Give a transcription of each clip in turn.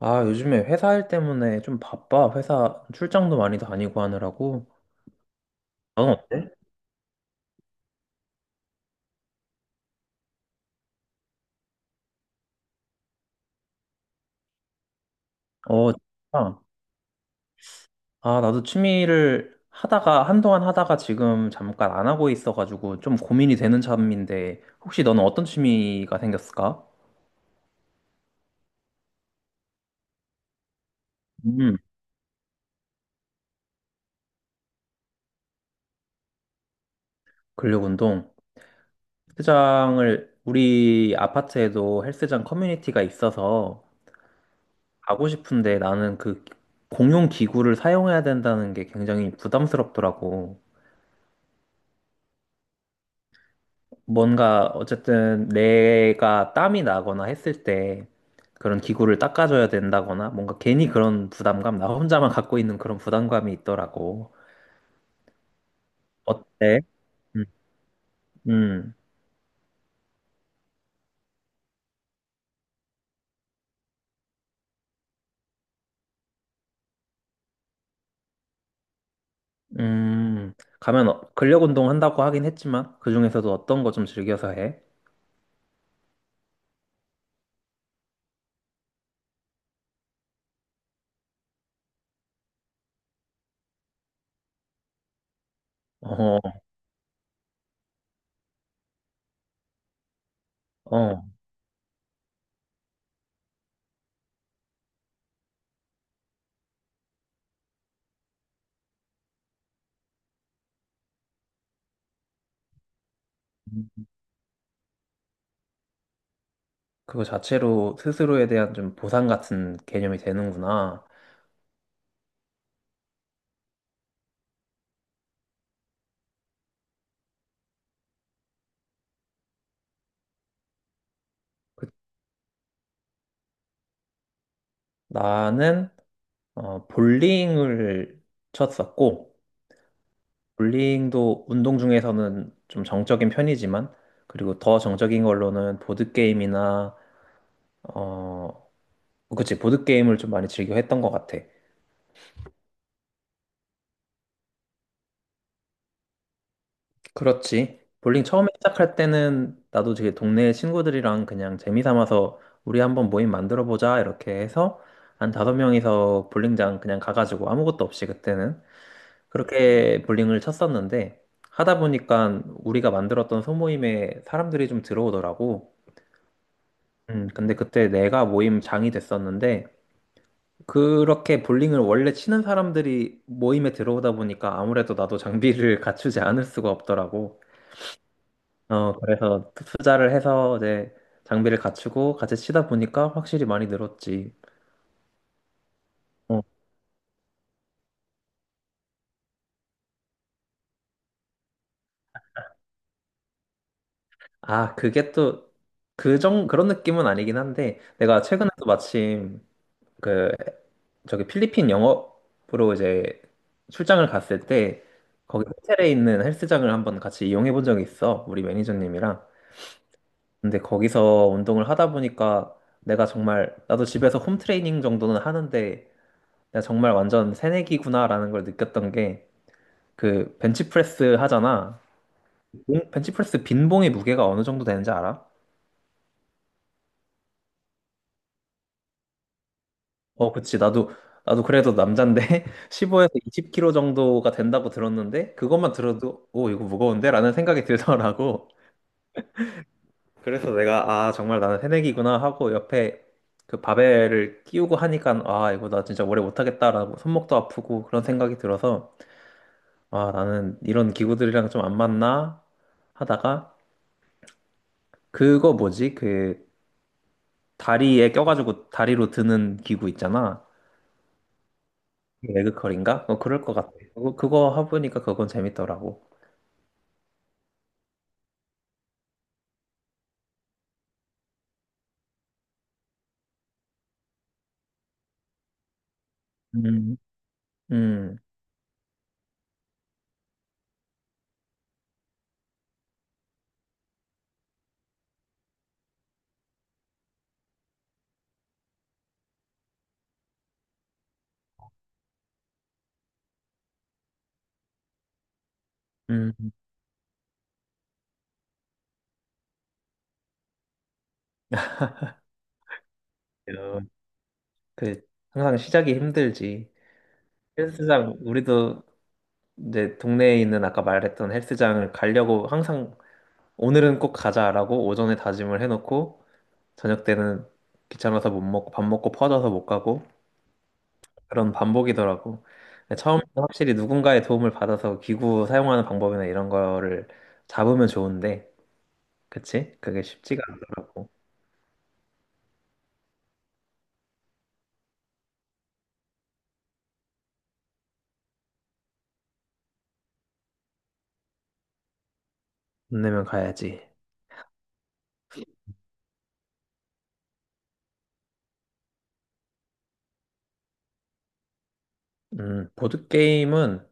아, 요즘에 회사 일 때문에 좀 바빠. 회사 출장도 많이 다니고 하느라고. 너는 어때? 어, 진짜. 아, 나도 취미를 하다가, 한동안 하다가 지금 잠깐 안 하고 있어가지고 좀 고민이 되는 참인데, 혹시 너는 어떤 취미가 생겼을까? 음, 근력 운동. 헬스장을, 우리 아파트에도 헬스장 커뮤니티가 있어서 가고 싶은데 나는 그 공용 기구를 사용해야 된다는 게 굉장히 부담스럽더라고. 뭔가 어쨌든 내가 땀이 나거나 했을 때 그런 기구를 닦아줘야 된다거나 뭔가 괜히 그런 부담감, 나 혼자만 갖고 있는 그런 부담감이 있더라고. 어때? 음, 음, 음. 가면 근력 운동 한다고 하긴 했지만 그중에서도 어떤 거 좀 즐겨서 해? 어, 어. 그거 자체로 스스로에 대한 좀 보상 같은 개념이 되는구나. 그- 나는 어, 볼링을 쳤었고 볼링도 운동 중에서는 좀 정적인 편이지만, 그리고 더 정적인 걸로는 보드게임이나, 어, 그치, 보드게임을 좀 많이 즐겨 했던 것 같아. 그렇지. 볼링 처음에 시작할 때는 나도 되게 동네 친구들이랑 그냥 재미 삼아서 우리 한번 모임 만들어 보자, 이렇게 해서 한 다섯 명이서 볼링장 그냥 가가지고 아무것도 없이 그때는 그렇게 볼링을 쳤었는데, 하다 보니까 우리가 만들었던 소모임에 사람들이 좀 들어오더라고. 근데 그때 내가 모임 장이 됐었는데, 그렇게 볼링을 원래 치는 사람들이 모임에 들어오다 보니까 아무래도 나도 장비를 갖추지 않을 수가 없더라고. 어, 그래서 투자를 해서 이제 장비를 갖추고 같이 치다 보니까 확실히 많이 늘었지. 어. 아, 그게 또, 그런 느낌은 아니긴 한데, 내가 최근에도 마침 그 저기 필리핀 영업으로 이제 출장을 갔을 때 거기 호텔에 있는 헬스장을 한번 같이 이용해 본 적이 있어. 우리 매니저님이랑. 근데 거기서 운동을 하다 보니까 내가 정말 나도 집에서 홈 트레이닝 정도는 하는데 내가 정말 완전 새내기구나라는 걸 느꼈던 게 그 벤치프레스 하잖아. 벤치프레스 빈 봉의 무게가 어느 정도 되는지 알아? 어, 그치. 나도 그래도 남잔데, 15에서 20kg 정도가 된다고 들었는데, 그것만 들어도, 오, 이거 무거운데? 라는 생각이 들더라고. 그래서 내가, 아, 정말 나는 새내기구나 하고, 옆에 그 바벨을 끼우고 하니까, 아, 이거 나 진짜 오래 못하겠다라고, 손목도 아프고, 그런 생각이 들어서, 아, 나는 이런 기구들이랑 좀 안 맞나? 하다가, 그거 뭐지? 그, 다리에 껴가지고 다리로 드는 기구 있잖아. 그 레그컬인가? 어, 그럴 것 같아. 그거 해보니까 그건 재밌더라고. 음, 음, 음. 그, 그, 항상 시작이 힘들지. 헬스장, 우리도 이제 동네에 있는 아까 말했던 헬스장을 가려고 항상 오늘은 꼭 가자라고 오전에 다짐을 해놓고 저녁 때는 귀찮아서 못 먹고 밥 먹고 퍼져서 못 가고 그런 반복이더라고. 처음 확실히 누군가의 도움을 받아서 기구 사용하는 방법이나 이런 거를 잡으면 좋은데, 그치? 그게 쉽지가 않더라고. 돈 내면 가야지. 보드게임은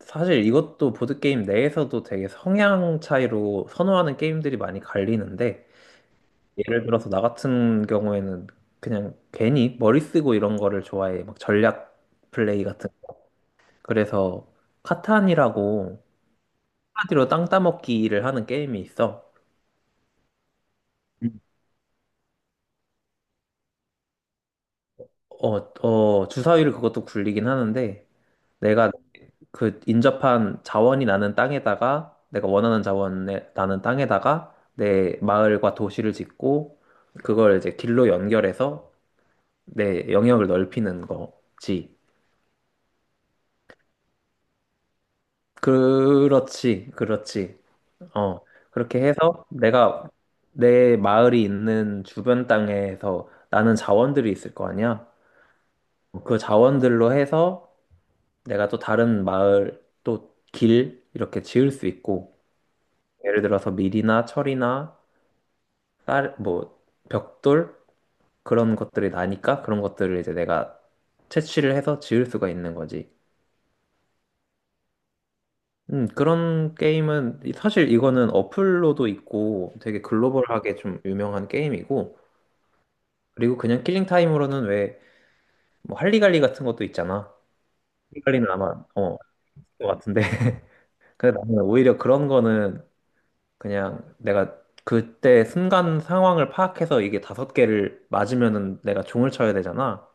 사실 이것도 보드게임 내에서도 되게 성향 차이로 선호하는 게임들이 많이 갈리는데, 예를 들어서 나 같은 경우에는 그냥 괜히 머리 쓰고 이런 거를 좋아해. 막 전략 플레이 같은. 그래서 카탄이라고 한마디로 땅 따먹기를 하는 게임이 있어. 음. 어, 어, 주사위를 그것도 굴리긴 하는데, 내가 그 인접한 자원이 나는 땅에다가 내가 원하는 자원에 나는 땅에다가 내 마을과 도시를 짓고 그걸 이제 길로 연결해서 내 영역을 넓히는 거지. 그렇지, 그렇지. 어, 그렇게 해서 내가 내 마을이 있는 주변 땅에서 나는 자원들이 있을 거 아니야. 그 자원들로 해서 내가 또 다른 마을, 또 길 이렇게 지을 수 있고 예를 들어서 밀이나 철이나 딸, 뭐, 벽돌? 그런 것들이 나니까 그런 것들을 이제 내가 채취를 해서 지을 수가 있는 거지. 그런 게임은, 사실 이거는 어플로도 있고 되게 글로벌하게 좀 유명한 게임이고, 그리고 그냥 킬링 타임으로는 왜, 뭐, 할리갈리 같은 것도 있잖아. 할리갈리는 아마, 어, 것 같은데. 근데 나는 오히려 그런 거는 그냥 내가 그때 순간 상황을 파악해서 이게 다섯 개를 맞으면은 내가 종을 쳐야 되잖아.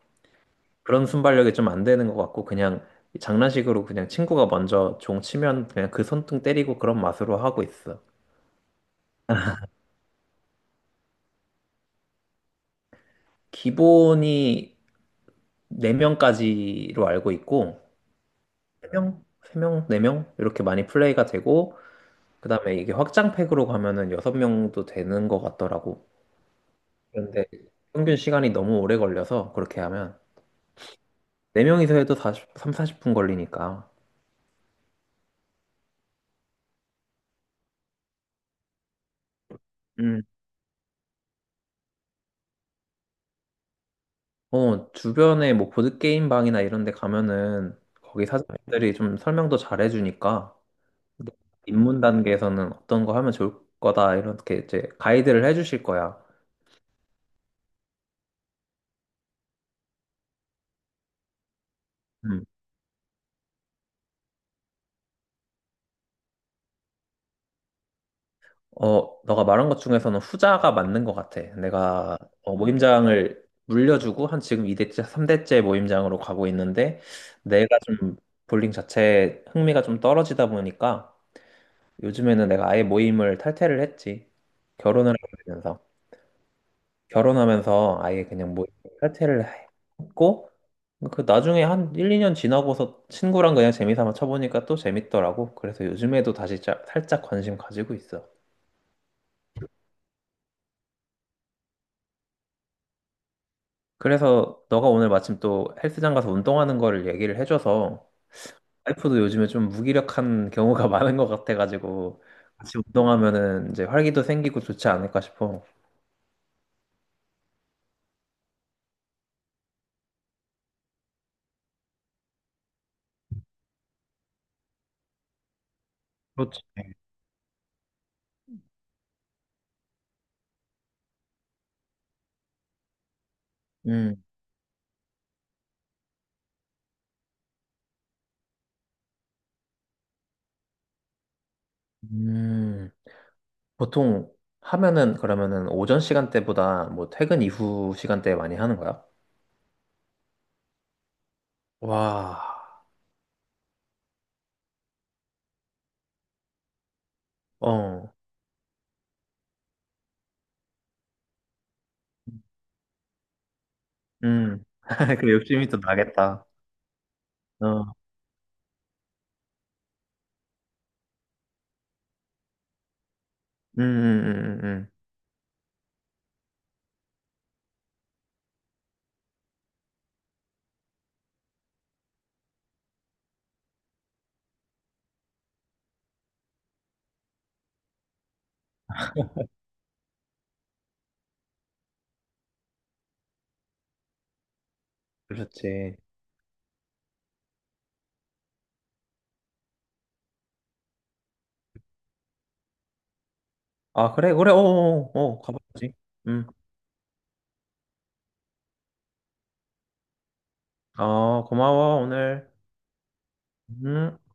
그런 순발력이 좀 안 되는 것 같고 그냥 장난식으로 그냥 친구가 먼저 종 치면 그냥 그 손등 때리고 그런 맛으로 하고 있어. 기본이 4명까지로 알고 있고 3명, 4명 이렇게 많이 플레이가 되고 그다음에 이게 확장팩으로 가면은 6명도 되는 것 같더라고. 그런데 평균 시간이 너무 오래 걸려서 그렇게 하면 4명이서 해도 40분 걸리니까. 음, 어, 주변에 뭐 보드게임 방이나 이런 데 가면은 거기 사장님들이 좀 설명도 잘 해주니까 입문 단계에서는 어떤 거 하면 좋을 거다 이렇게 이제 가이드를 해주실 거야. 음. 어, 너가 말한 것 중에서는 후자가 맞는 것 같아. 내가 어, 모임장을 물려주고 한 지금 2대째, 3대째 모임장으로 가고 있는데 내가 좀 볼링 자체에 흥미가 좀 떨어지다 보니까 요즘에는 내가 아예 모임을 탈퇴를 했지. 결혼을 하면서. 결혼하면서 아예 그냥 뭐 탈퇴를 했고 그 나중에 한 1, 2년 지나고서 친구랑 그냥 재미삼아 쳐보니까 또 재밌더라고. 그래서 요즘에도 다시 살짝 관심 가지고 있어. 그래서 너가 오늘 마침 또 헬스장 가서 운동하는 거를 얘기를 해줘서 와이프도 요즘에 좀 무기력한 경우가 많은 것 같아가지고 같이 운동하면은 이제 활기도 생기고 좋지 않을까 싶어. 그렇지. 음. 음. 보통 하면은 그러면은 오전 시간대보다 뭐 퇴근 이후 시간대에 많이 하는 거야? 와, 어, 음. 그 욕심이 또 나겠다. 어, 음. 그렇지. 아, 그래, 그래, 어, 어, 어, 가봐야지. 음, 아, 고마워, 오늘. 음.